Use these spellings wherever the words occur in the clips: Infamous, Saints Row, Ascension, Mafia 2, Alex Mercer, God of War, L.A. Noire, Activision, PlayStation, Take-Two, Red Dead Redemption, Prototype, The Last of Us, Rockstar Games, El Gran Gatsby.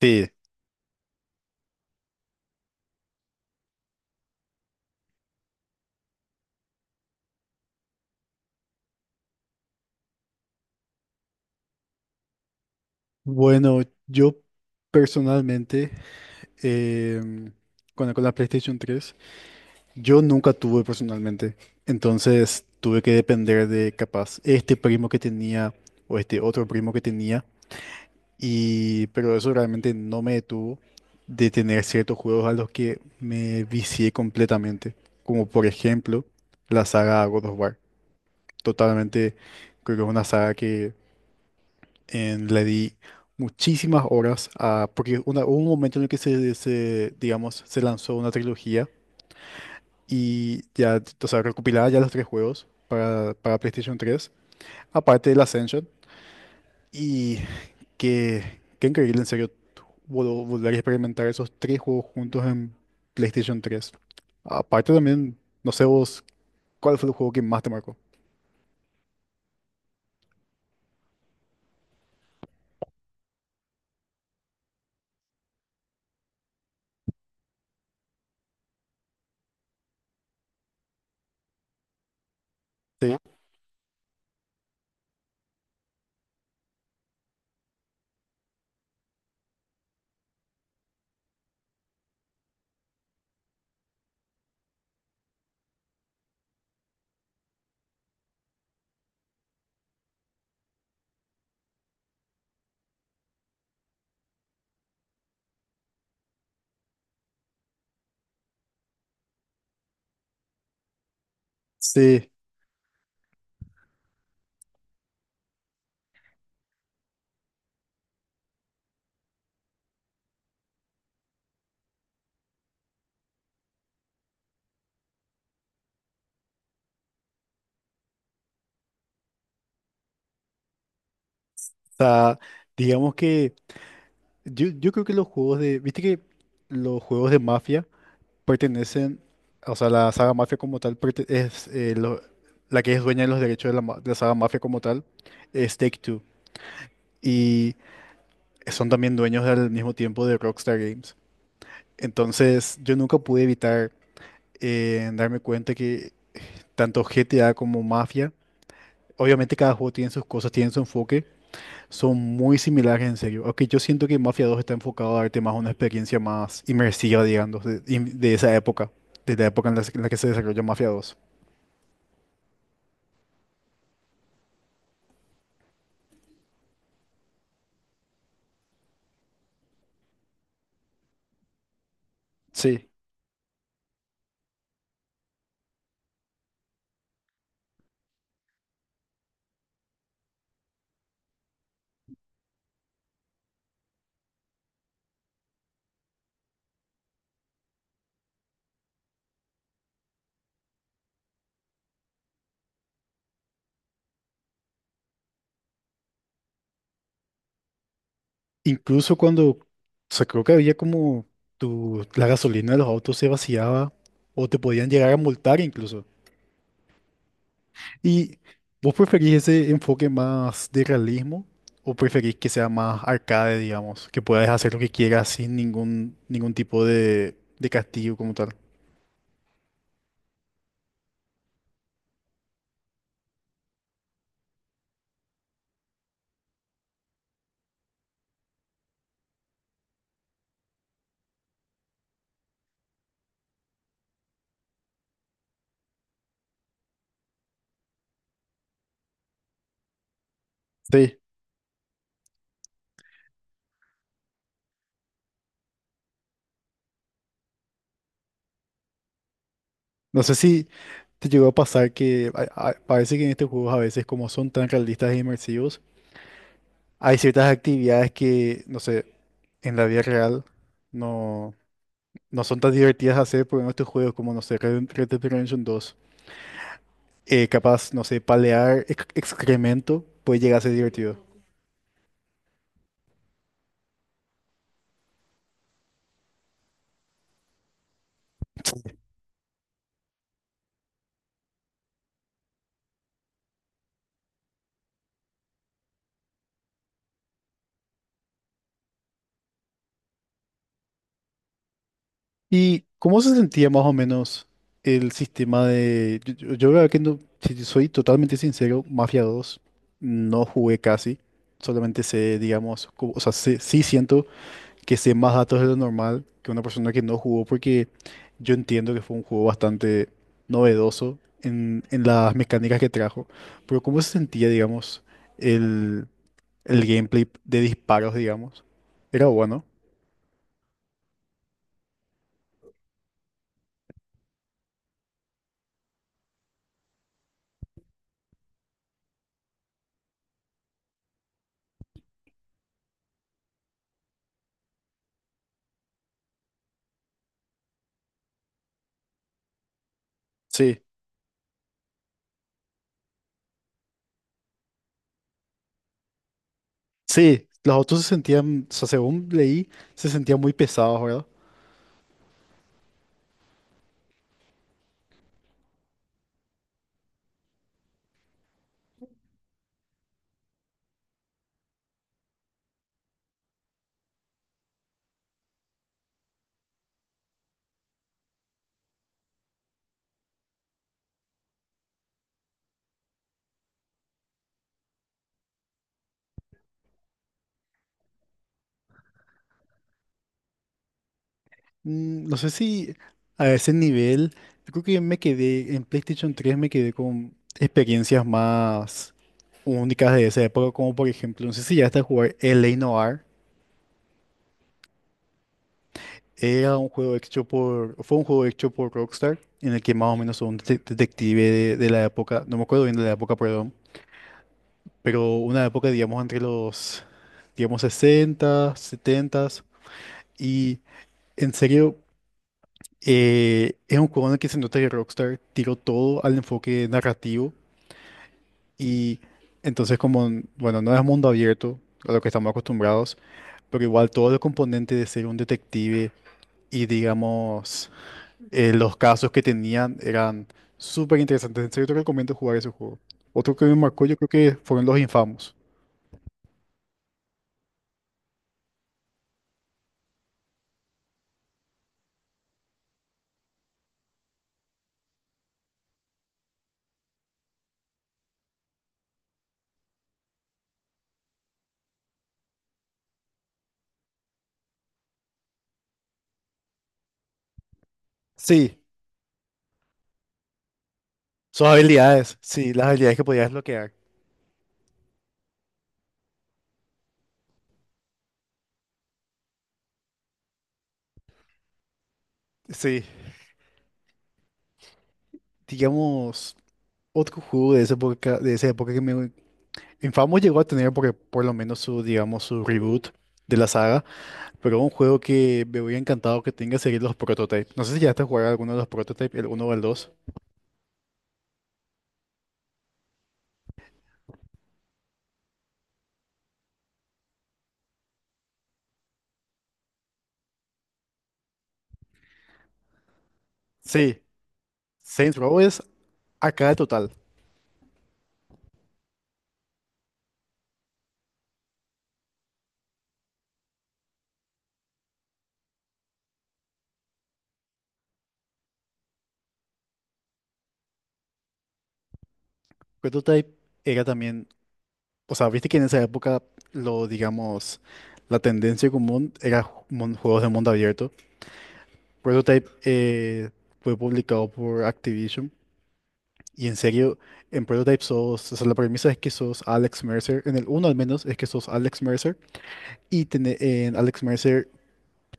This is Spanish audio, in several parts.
Sí. Bueno, yo personalmente, em, con la PlayStation 3, yo nunca tuve personalmente. Entonces tuve que depender de capaz este primo que tenía o este otro primo que tenía. Pero eso realmente no me detuvo de tener ciertos juegos a los que me vicié completamente. Como por ejemplo la saga God of War. Totalmente, creo que es una saga que le di muchísimas horas a, porque hubo un momento en el que digamos, se lanzó una trilogía. Y ya, o sea, recopilaba ya los tres juegos para PlayStation 3, aparte del Ascension. Y qué increíble, en serio, volver a experimentar esos tres juegos juntos en PlayStation 3. Aparte también, no sé vos, ¿cuál fue el juego que más te marcó? Sí, sí, o sea, digamos que. Yo creo que los juegos de, viste que los juegos de Mafia pertenecen, o sea, la saga Mafia como tal es la que es dueña de los derechos de de la saga Mafia como tal, es Take-Two. Y son también dueños al mismo tiempo de Rockstar Games. Entonces, yo nunca pude evitar darme cuenta que tanto GTA como Mafia, obviamente cada juego tiene sus cosas, tiene su enfoque. Son muy similares, en serio. Aunque yo siento que Mafia 2 está enfocado a darte más una experiencia más inmersiva, digamos, de esa época, de la época en la que se desarrolló Mafia 2. Sí. Incluso cuando, o sea, creo que había como la gasolina de los autos se vaciaba o te podían llegar a multar incluso. ¿Y vos preferís ese enfoque más de realismo o preferís que sea más arcade, digamos, que puedas hacer lo que quieras sin ningún tipo de castigo como tal? Sí. No sé si. ¿Te llegó a pasar que parece que en estos juegos a veces como son tan realistas e inmersivos, hay ciertas actividades que, no sé, en la vida real no, no son tan divertidas de hacer por estos juegos como, no sé, Red Dead Redemption 2? Capaz, no sé, palear excremento puede llegar a ser divertido. ¿Y cómo se sentía más o menos el sistema de? Yo la verdad que no, si te soy totalmente sincero, Mafia 2 no jugué casi, solamente sé, digamos, o sea, sí, sí siento que sé más datos de lo normal que una persona que no jugó, porque yo entiendo que fue un juego bastante novedoso en las mecánicas que trajo, pero ¿cómo se sentía, digamos, el, el gameplay de disparos, digamos? Era bueno. Sí. Sí, los autos se sentían, o sea, según leí, se sentían muy pesados, ¿verdad? No sé si a ese nivel, yo creo que me quedé, en PlayStation 3 me quedé con experiencias más únicas de esa época, como por ejemplo, no sé si ya hasta jugar L.A. Noire. Era un juego hecho por, Fue un juego hecho por Rockstar, en el que más o menos un detective de la época, no me acuerdo bien de la época, perdón, pero una época, digamos, entre los, digamos, 60 70, y en serio. Es un juego en el que se nota que Rockstar tiró todo al enfoque narrativo. Y entonces como, bueno, no es mundo abierto a lo que estamos acostumbrados, pero igual todos los componentes de ser un detective y digamos los casos que tenían eran súper interesantes. En serio te recomiendo jugar ese juego. Otro que me marcó yo creo que fueron los infamos. Sí, sus habilidades, sí, las habilidades que podías bloquear. Sí, digamos, otro juego de esa época que me, Infamous llegó a tener porque por lo menos su, digamos, su reboot de la saga, pero un juego que me hubiera encantado que tenga sería los Prototypes. No sé si ya a jugar alguno de los Prototypes, el uno o el dos. Sí. Saints Row es acá el total. Prototype era también, o sea, viste que en esa época lo, digamos, la tendencia común era juegos de mundo abierto. Prototype fue publicado por Activision. Y en serio, en Prototype sos, o sea, la premisa es que sos Alex Mercer, en el uno al menos es que sos Alex Mercer, y en Alex Mercer,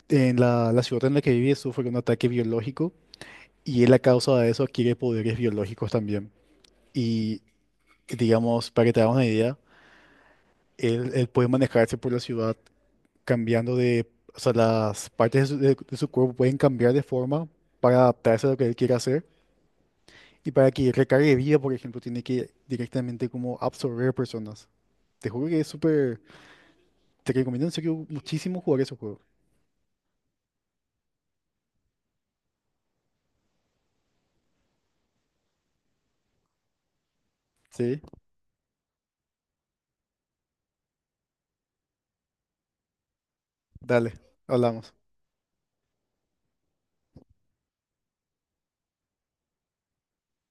en la ciudad en la que vive, sufre un ataque biológico, y él a causa de eso adquiere poderes biológicos también. Y digamos, para que te hagas una idea, él puede manejarse por la ciudad cambiando de, o sea, las partes de su, de su cuerpo pueden cambiar de forma para adaptarse a lo que él quiere hacer, y para que recargue vida, por ejemplo, tiene que directamente como absorber personas. Te juro que es súper. Te recomiendo en serio muchísimo jugar ese juego. Sí, dale, hablamos.